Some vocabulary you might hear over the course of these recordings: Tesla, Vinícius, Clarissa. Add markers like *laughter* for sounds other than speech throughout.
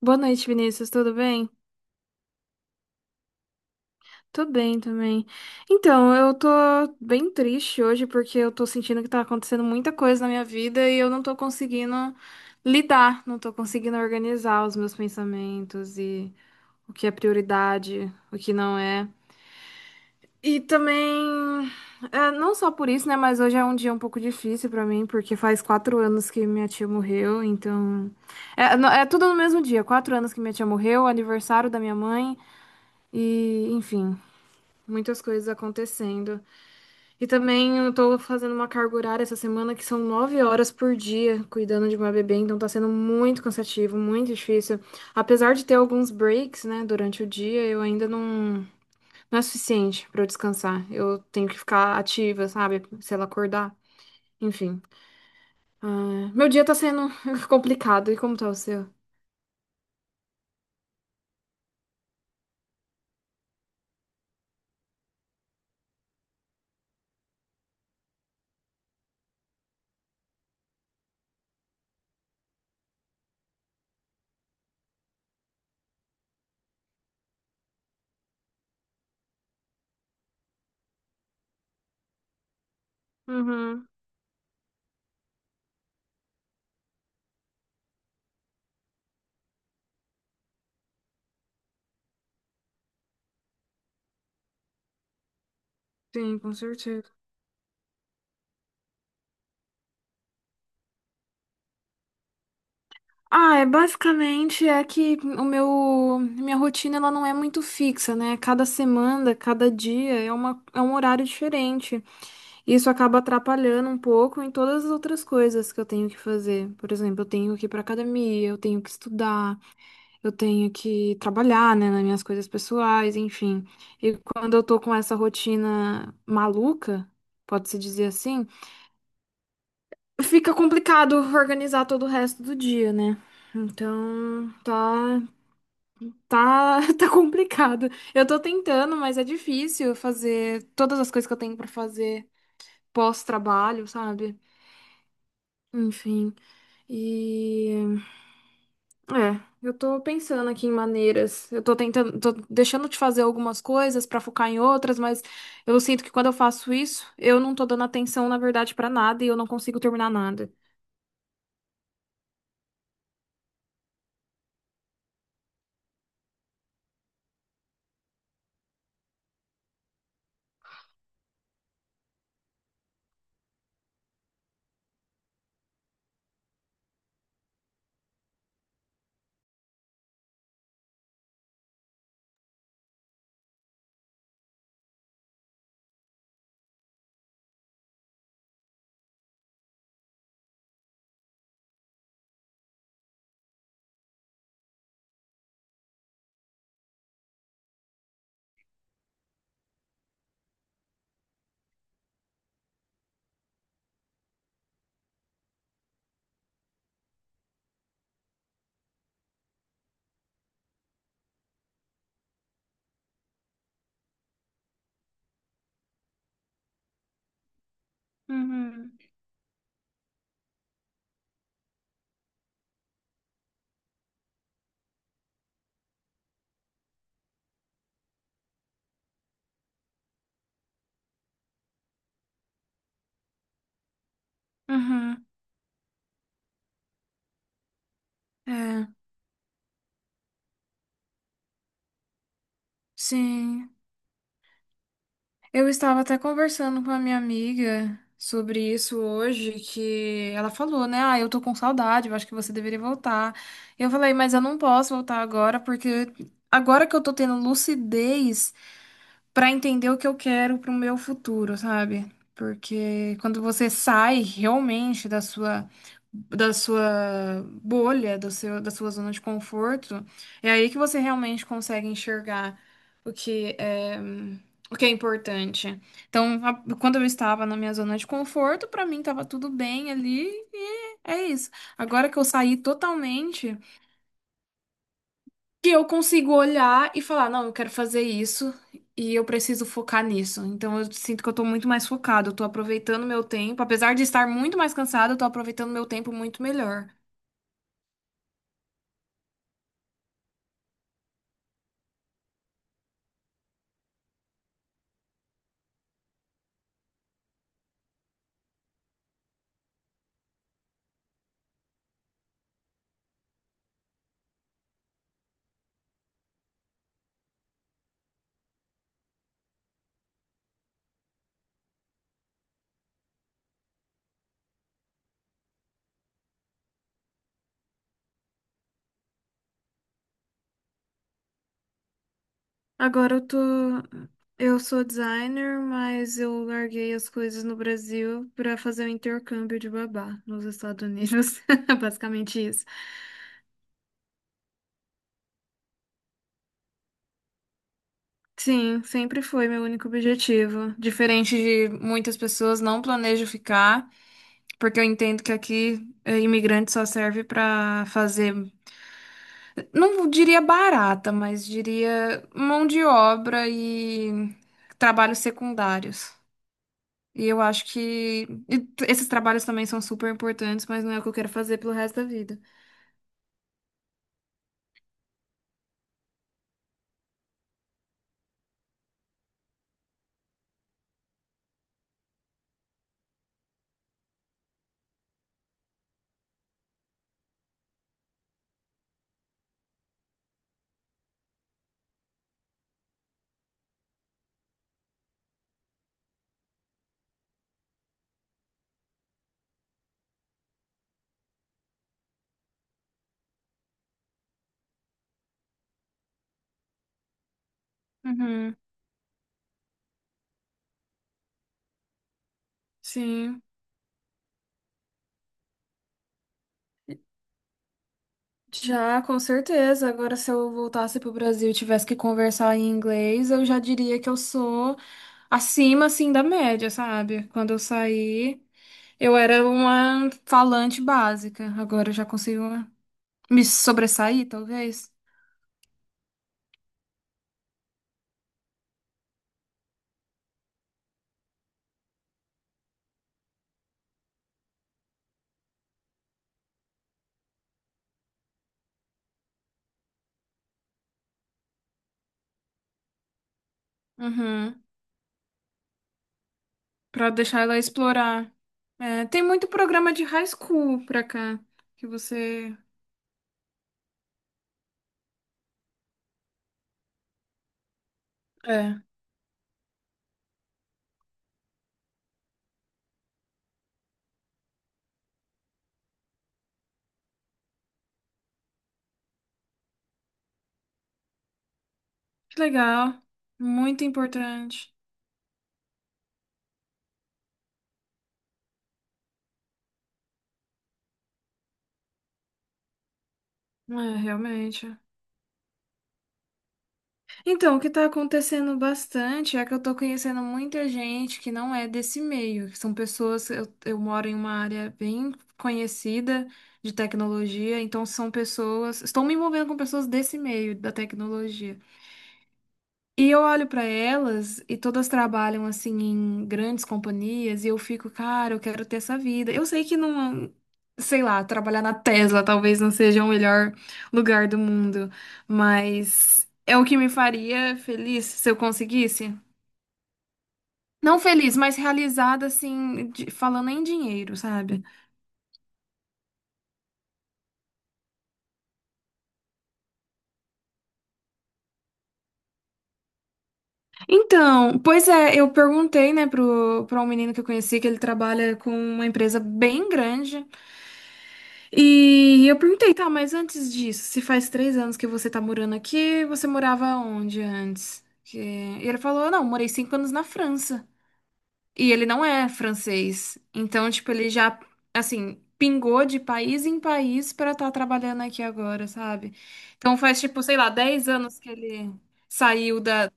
Boa noite, Vinícius, tudo bem? Tô bem também. Então, eu tô bem triste hoje porque eu tô sentindo que tá acontecendo muita coisa na minha vida e eu não tô conseguindo lidar, não tô conseguindo organizar os meus pensamentos e o que é prioridade, o que não é. E também, não só por isso, né, mas hoje é um dia um pouco difícil pra mim porque faz 4 anos que minha tia morreu, então. É tudo no mesmo dia, 4 anos que minha tia morreu, aniversário da minha mãe e, enfim. Muitas coisas acontecendo. E também eu tô fazendo uma carga horária essa semana que são 9 horas por dia cuidando de uma bebê, então tá sendo muito cansativo, muito difícil. Apesar de ter alguns breaks, né, durante o dia, eu ainda não, não é suficiente pra eu descansar. Eu tenho que ficar ativa, sabe? Se ela acordar. Enfim. Ah, meu dia tá sendo *laughs* complicado. E como tá o seu? Uhum. Sim, com certeza. Ah, é basicamente é que o meu minha rotina ela não é muito fixa, né? Cada semana, cada dia é um horário diferente. Isso acaba atrapalhando um pouco em todas as outras coisas que eu tenho que fazer. Por exemplo, eu tenho que ir para academia, eu tenho que estudar, eu tenho que trabalhar, né, nas minhas coisas pessoais, enfim. E quando eu tô com essa rotina maluca, pode-se dizer assim, fica complicado organizar todo o resto do dia, né? Então, tá. Tá, *laughs* tá complicado. Eu tô tentando, mas é difícil fazer todas as coisas que eu tenho pra fazer pós-trabalho, sabe? Enfim. E eu tô pensando aqui em maneiras. Eu tô tentando, tô deixando de fazer algumas coisas pra focar em outras, mas eu sinto que quando eu faço isso, eu não tô dando atenção, na verdade, pra nada e eu não consigo terminar nada. Uhum. Uhum. É, sim. Eu estava até conversando com a minha amiga sobre isso hoje, que ela falou, né? Ah, eu tô com saudade, eu acho que você deveria voltar. Eu falei, mas eu não posso voltar agora, porque agora que eu tô tendo lucidez para entender o que eu quero pro meu futuro, sabe? Porque quando você sai realmente da sua bolha, da sua zona de conforto, é aí que você realmente consegue enxergar o que é importante. Então, quando eu estava na minha zona de conforto, para mim estava tudo bem ali e é isso. Agora que eu saí totalmente que eu consigo olhar e falar, não, eu quero fazer isso e eu preciso focar nisso. Então eu sinto que eu tô muito mais focado, eu tô aproveitando meu tempo, apesar de estar muito mais cansada, eu tô aproveitando meu tempo muito melhor. Agora eu tô. Eu sou designer, mas eu larguei as coisas no Brasil pra fazer o intercâmbio de babá nos Estados Unidos. *laughs* Basicamente isso. Sim, sempre foi meu único objetivo. Diferente de muitas pessoas, não planejo ficar. Porque eu entendo que aqui imigrante só serve para fazer, não diria barata, mas diria mão de obra e trabalhos secundários. E eu acho que esses trabalhos também são super importantes, mas não é o que eu quero fazer pelo resto da vida. Uhum. Sim, já com certeza. Agora, se eu voltasse pro Brasil e tivesse que conversar em inglês, eu já diria que eu sou acima assim da média, sabe? Quando eu saí, eu era uma falante básica. Agora eu já consigo me sobressair, talvez. Uhum. Pra deixar ela explorar. É, tem muito programa de high school pra cá. Que você. É. Que legal. Muito importante. É, realmente. Então, o que está acontecendo bastante é que eu estou conhecendo muita gente que não é desse meio, que são pessoas. Eu moro em uma área bem conhecida de tecnologia, então são pessoas. Estou me envolvendo com pessoas desse meio da tecnologia. E eu olho pra elas e todas trabalham assim em grandes companhias e eu fico, cara, eu quero ter essa vida. Eu sei que não, sei lá, trabalhar na Tesla talvez não seja o melhor lugar do mundo, mas é o que me faria feliz se eu conseguisse. Não feliz, mas realizada assim, de- falando em dinheiro, sabe? Então, pois é, eu perguntei, né, pra um menino que eu conheci que ele trabalha com uma empresa bem grande. E eu perguntei, tá, mas antes disso, se faz 3 anos que você tá morando aqui, você morava onde antes? E ele falou, não, morei 5 anos na França. E ele não é francês. Então, tipo, ele já, assim, pingou de país em país pra estar trabalhando aqui agora, sabe? Então faz, tipo, sei lá, 10 anos que ele saiu da.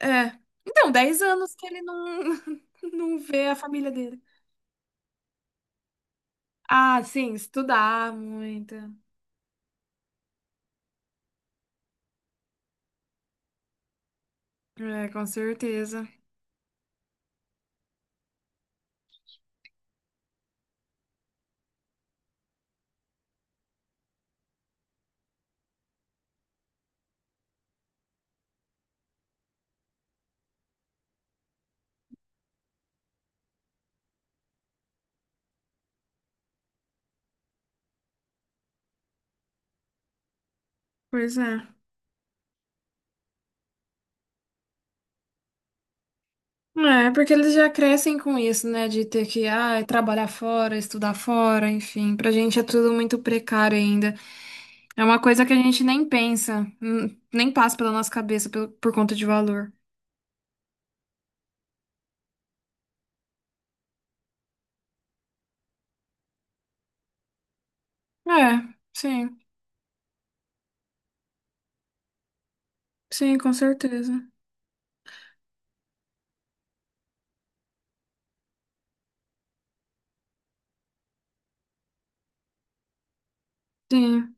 É. Então, 10 anos que ele não, *laughs* não vê a família dele. Ah, sim, estudar muito. É, com certeza. Pois é. É, porque eles já crescem com isso, né? De ter que, ah, é trabalhar fora, estudar fora, enfim. Pra gente é tudo muito precário ainda. É uma coisa que a gente nem pensa, nem passa pela nossa cabeça por conta de valor. É, sim, sim, com certeza. Sim,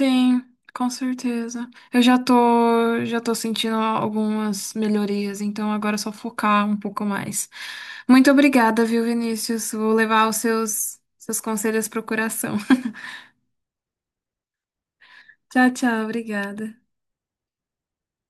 sim, com certeza. Eu já tô sentindo algumas melhorias, então agora é só focar um pouco mais. Muito obrigada, viu, Vinícius? Vou levar os seus conselhos pro coração. *laughs* Tchau, tchau, obrigada.